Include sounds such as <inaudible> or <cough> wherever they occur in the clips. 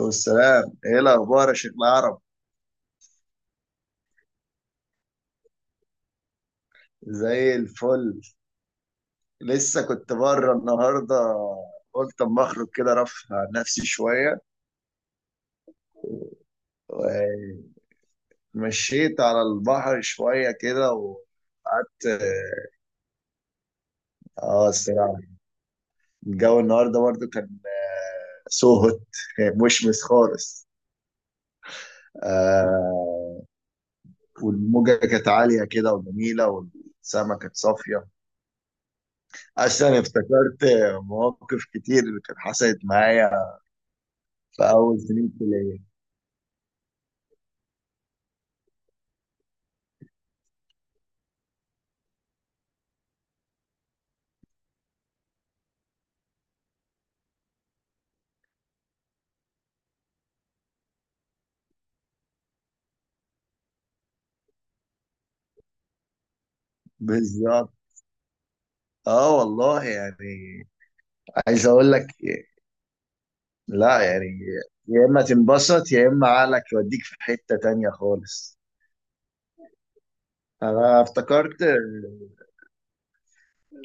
والسلام، ايه الاخبار يا شيخ العرب؟ زي الفل. لسه كنت بره النهارده، قلت اما اخرج كده رفه عن نفسي شويه ومشيت على البحر شويه كده. و اه الصراحه الجو النهارده برضه كان سوهت كان مشمس خالص. آه والموجه كانت عاليه كده وجميله والسما كانت صافيه. اصلا افتكرت مواقف كتير اللي كانت حصلت معايا في اول سنين كليه. بالظبط، اه والله يعني. عايز اقول لك، لا يعني، يا اما تنبسط يا اما عقلك يوديك في حتة تانية خالص. انا افتكرت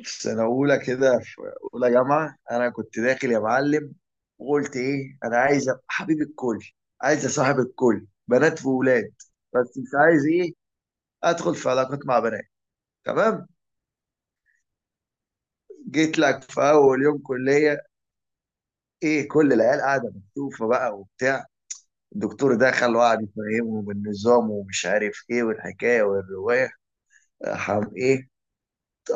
في سنة اولى كده، في اولى جامعة انا كنت داخل يا معلم وقلت ايه، انا عايز ابقى حبيب الكل، عايز اصاحب الكل بنات وولاد، بس مش عايز ايه، ادخل في علاقات مع بنات. تمام، جيت لك في اول يوم كلية، ايه، كل العيال قاعدة مكتوفة بقى وبتاع. الدكتور دخل وقعد يفهمه بالنظام ومش عارف ايه والحكايه والروايه. ايه،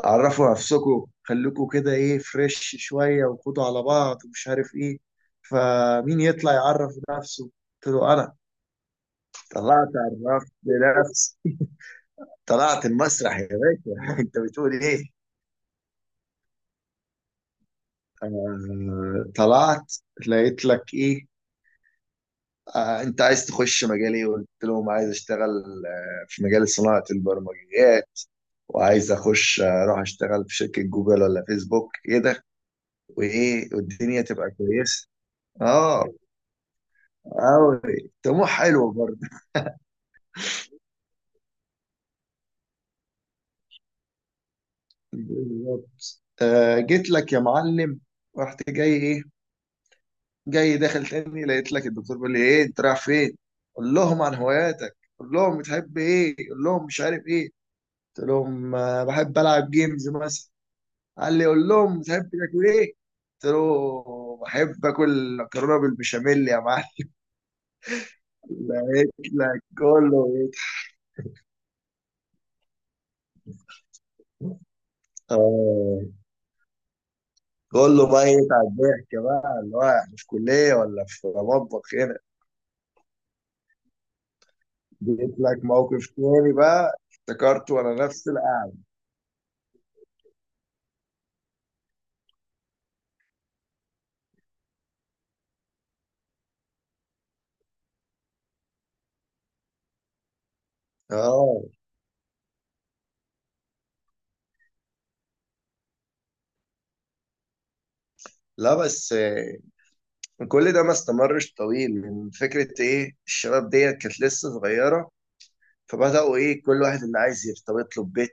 عرفوا نفسكم خليكم كده ايه فريش شويه وخدوا على بعض ومش عارف ايه. فمين يطلع يعرف نفسه؟ قلت له انا. طلعت، عرفت نفسي، طلعت المسرح يا باشا. <laughs> انت بتقول ايه؟ طلعت لقيت لك ايه، آه، انت عايز تخش مجال ايه؟ قلت لهم عايز اشتغل في مجال صناعه البرمجيات، وعايز اخش اروح اشتغل في شركه جوجل ولا فيسبوك ايه ده، وايه والدنيا تبقى كويسه. اه، قوي طموح حلو برضه. <laughs> بالظبط. جيت لك يا معلم، رحت جاي ايه، جاي داخل تاني، لقيت لك الدكتور بيقول لي ايه انت رايح فين، قول لهم عن هواياتك، قول لهم بتحب ايه، قول لهم مش عارف ايه. قلت لهم بحب العب جيمز مثلا. قال لي قول لهم بتحب تاكل ايه. قلت له بحب اكل مكرونه بالبشاميل يا معلم. لقيت لك كله يضحك. اه، كله بقى يقطع الضحك بقى، اللي هو احنا في كلية ولا في مطبخ هنا؟ جيت لك موقف تاني بقى افتكرته وانا نفس القعدة. اه، لا بس كل ده ما استمرش طويل، من فكرة ايه الشباب ديت كانت لسه صغيرة، فبدأوا ايه، كل واحد اللي عايز يرتبط له ببيت،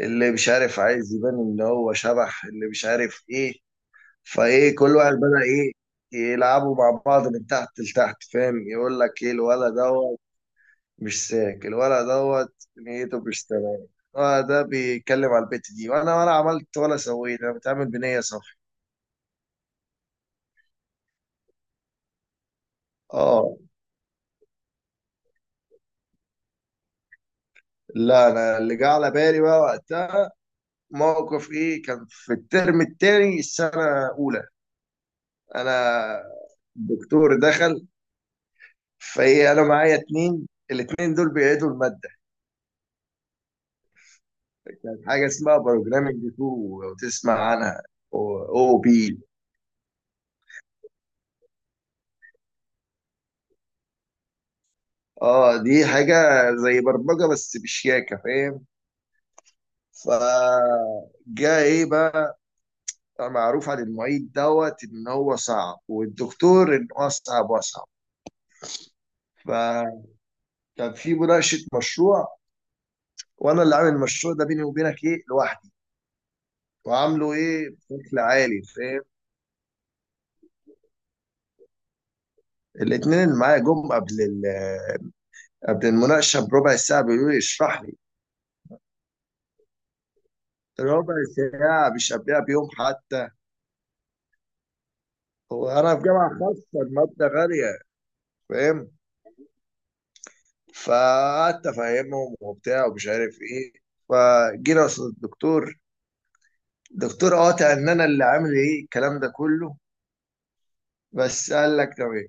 اللي مش عارف عايز يبان ان هو شبح، اللي مش عارف ايه. فايه كل واحد بدأ ايه، يلعبوا مع بعض من تحت لتحت، فاهم؟ يقول لك ايه الولد دوت مش ساك، الولد دوت نيته مش تمام، اه، ده بيتكلم على البت دي، وانا ولا عملت ولا سويت، انا بتعامل بنية صافية. اه، لا انا اللي جه على بالي بقى وقتها موقف ايه، كان في الترم التاني السنة الاولى. انا، الدكتور دخل، فايه انا معايا اتنين، الاتنين دول بيعيدوا المادة. كانت حاجة اسمها بروجرامينج 2، لو تسمع عنها، او بي. اه دي حاجة زي برمجة بس بشياكة، فاهم؟ فجاء ايه بقى، معروف عن المعيد دوت ان هو صعب، والدكتور ان هو صعب واصعب. فكان في مناقشة مشروع، وانا اللي عامل المشروع ده بيني وبينك ايه، لوحدي، وعامله ايه بشكل عالي، فاهم؟ الاتنين اللي معايا جم قبل قبل المناقشة بربع ساعة بيقولوا لي اشرح لي. ربع ساعة، مش قبلها بيوم حتى. هو أنا في جامعة خاصة، المادة غالية، فاهم؟ فقعدت أفهمهم وبتاع ومش عارف إيه. فجينا قصاد الدكتور، الدكتور قاطع إن أنا اللي عامل إيه الكلام ده كله، بس قال لك تمام.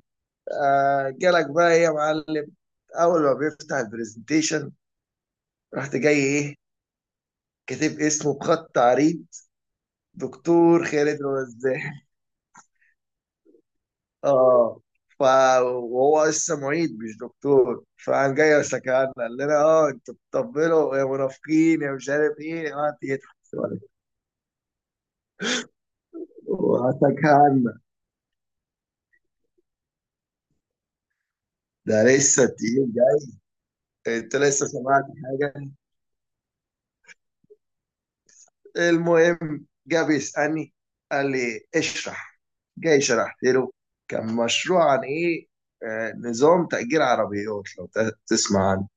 آه، جالك بقى إيه يا معلم، أول ما بيفتح البرزنتيشن رحت جاي إيه، كاتب اسمه بخط عريض، دكتور خالد رزاق. اه، ف وهو لسه معيد مش دكتور، فقام جاي سكرنا، قال لنا اه انتوا بتطبلوا يا منافقين يا مش عارف ايه، قعدت يضحك وسكرنا. ده لسه تقيل جاي، انت لسه سمعت حاجه؟ المهم جه بيسالني، قال لي اشرح، جاي شرحت له. كان مشروع عن ايه، آه، نظام تأجير عربيات، لو تسمع عنه.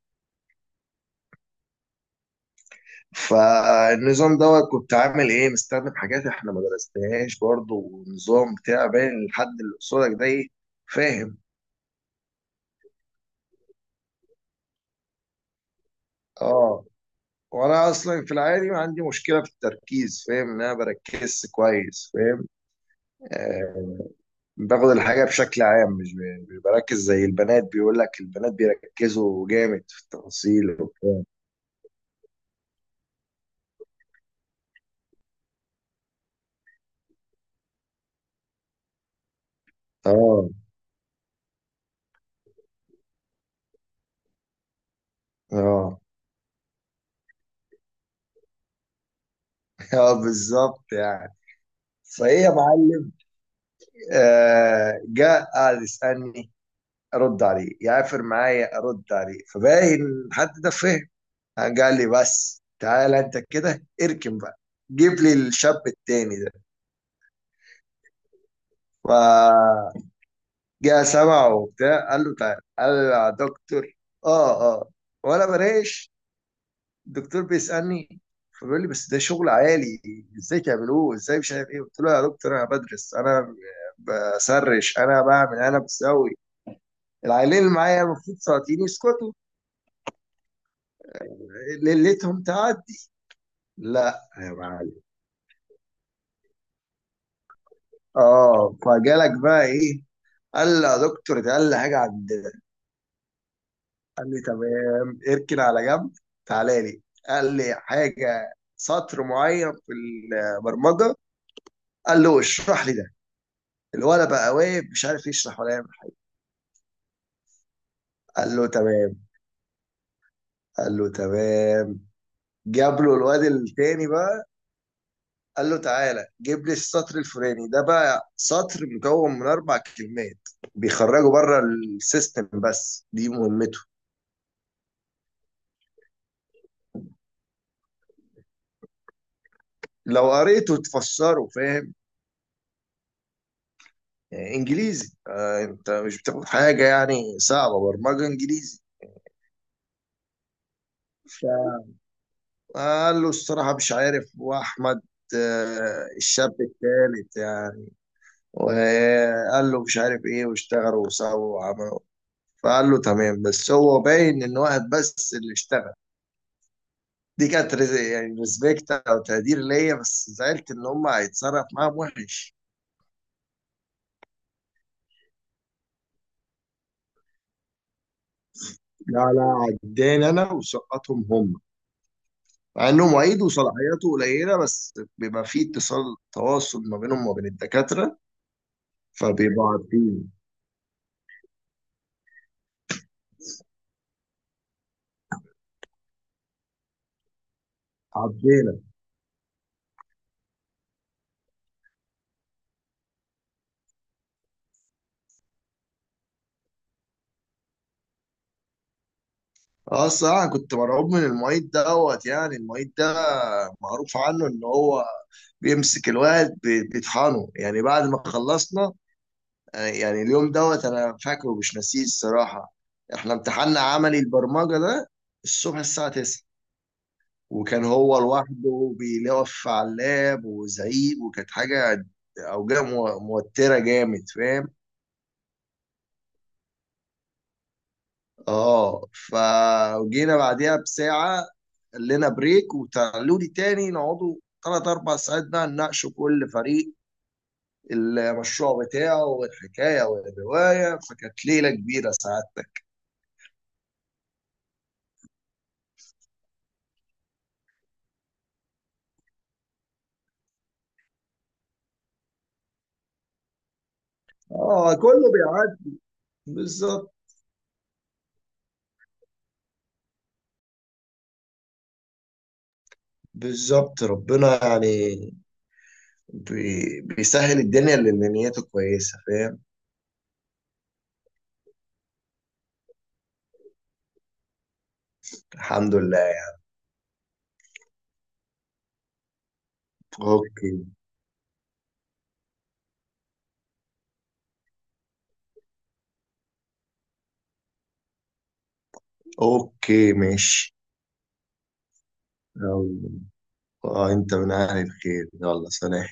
فالنظام دوت كنت عامل ايه، مستخدم حاجات احنا ما درسناهاش برضه، والنظام بتاع باين لحد اللي قصادك ده ايه، فاهم؟ اه. وانا اصلا في العادي ما عندي مشكله في التركيز، فاهم ان انا بركز كويس، فاهم؟ آه، باخد الحاجه بشكل عام، مش مش بركز زي البنات. بيقول لك البنات بيركزوا جامد في التفاصيل وبتاع. اه اه. <laughs> اه بالظبط يعني. فايه يا معلم، آه، جاء قعد يسالني، ارد عليه يعافر معايا ارد عليه، فباين حد ده فهم. قال لي بس تعالى انت كده اركن بقى، جيب لي الشاب التاني ده. فجاء سمعه وبتاع، قال له تعالى، قال له يا دكتور، اه اه. وانا بريش، الدكتور بيسالني. فبيقول لي بس ده شغل عالي، ازاي تعملوه، ازاي مش عارف ايه. قلت له يا دكتور انا بدرس، انا بسرش، انا بعمل، انا بسوي. العيلين اللي معايا المفروض سلاطين يسكتوا ليلتهم تعدي. لا يا معلم، اه فجالك بقى ايه، قال لي يا دكتور ده اقل حاجه عندنا. قال لي تمام اركن على جنب، تعالى لي. قال لي حاجه سطر معين في البرمجه، قال له اشرح لي ده. الولد بقى واقف مش عارف يشرح ولا يعمل. قال له تمام. قال له تمام جاب له الواد التاني بقى، قال له تعالى جيب لي السطر الفلاني ده بقى، سطر مكون من اربع كلمات، بيخرجوا بره السيستم، بس دي مهمته. لو قريته تفسره، فاهم؟ يعني انجليزي، آه، انت مش بتاخد حاجه يعني صعبه، برمجه انجليزي. فقال له الصراحه مش عارف، واحمد، آه، الشاب الثالث يعني، وقال له مش عارف ايه، واشتغلوا وسووا وعملوا. فقال له تمام، بس هو باين ان واحد بس اللي اشتغل. دي كانت يعني ريسبكت او تقدير ليا، بس زعلت ان هم هيتصرف معاهم وحش. لا لا، عداني انا وسقطهم هم. مع انه معيد وصلاحياته قليله، بس بيبقى فيه اتصال تواصل ما بينهم وما بين الدكاتره، فبيبقوا عارفين، عارفينك. اه الصراحه كنت مرعوب من المعيد دوت، يعني المعيد ده معروف عنه ان هو بيمسك الواد بيطحنه، يعني بعد ما خلصنا آه، يعني اليوم دوت انا فاكره مش ناسيه الصراحه. احنا امتحاننا عملي البرمجه ده الصبح الساعه 9، وكان هو لوحده بيلف على اللاب وزعيق، وكانت حاجة أوجاع موترة جامد، فاهم؟ اه فجينا بعديها بساعة، قال لنا بريك وتعالوا لي تاني نقعدوا تلات أربع ساعات بقى نناقشوا كل فريق المشروع بتاعه والحكاية والرواية. فكانت ليلة كبيرة سعادتك. اه كله بيعدي. بالظبط. ربنا يعني بيسهل الدنيا للنيات كويسة، فاهم؟ الحمد لله. اوكي، اوكي ماشي. يلا، آه، انت من اهل الخير، يلا سلام.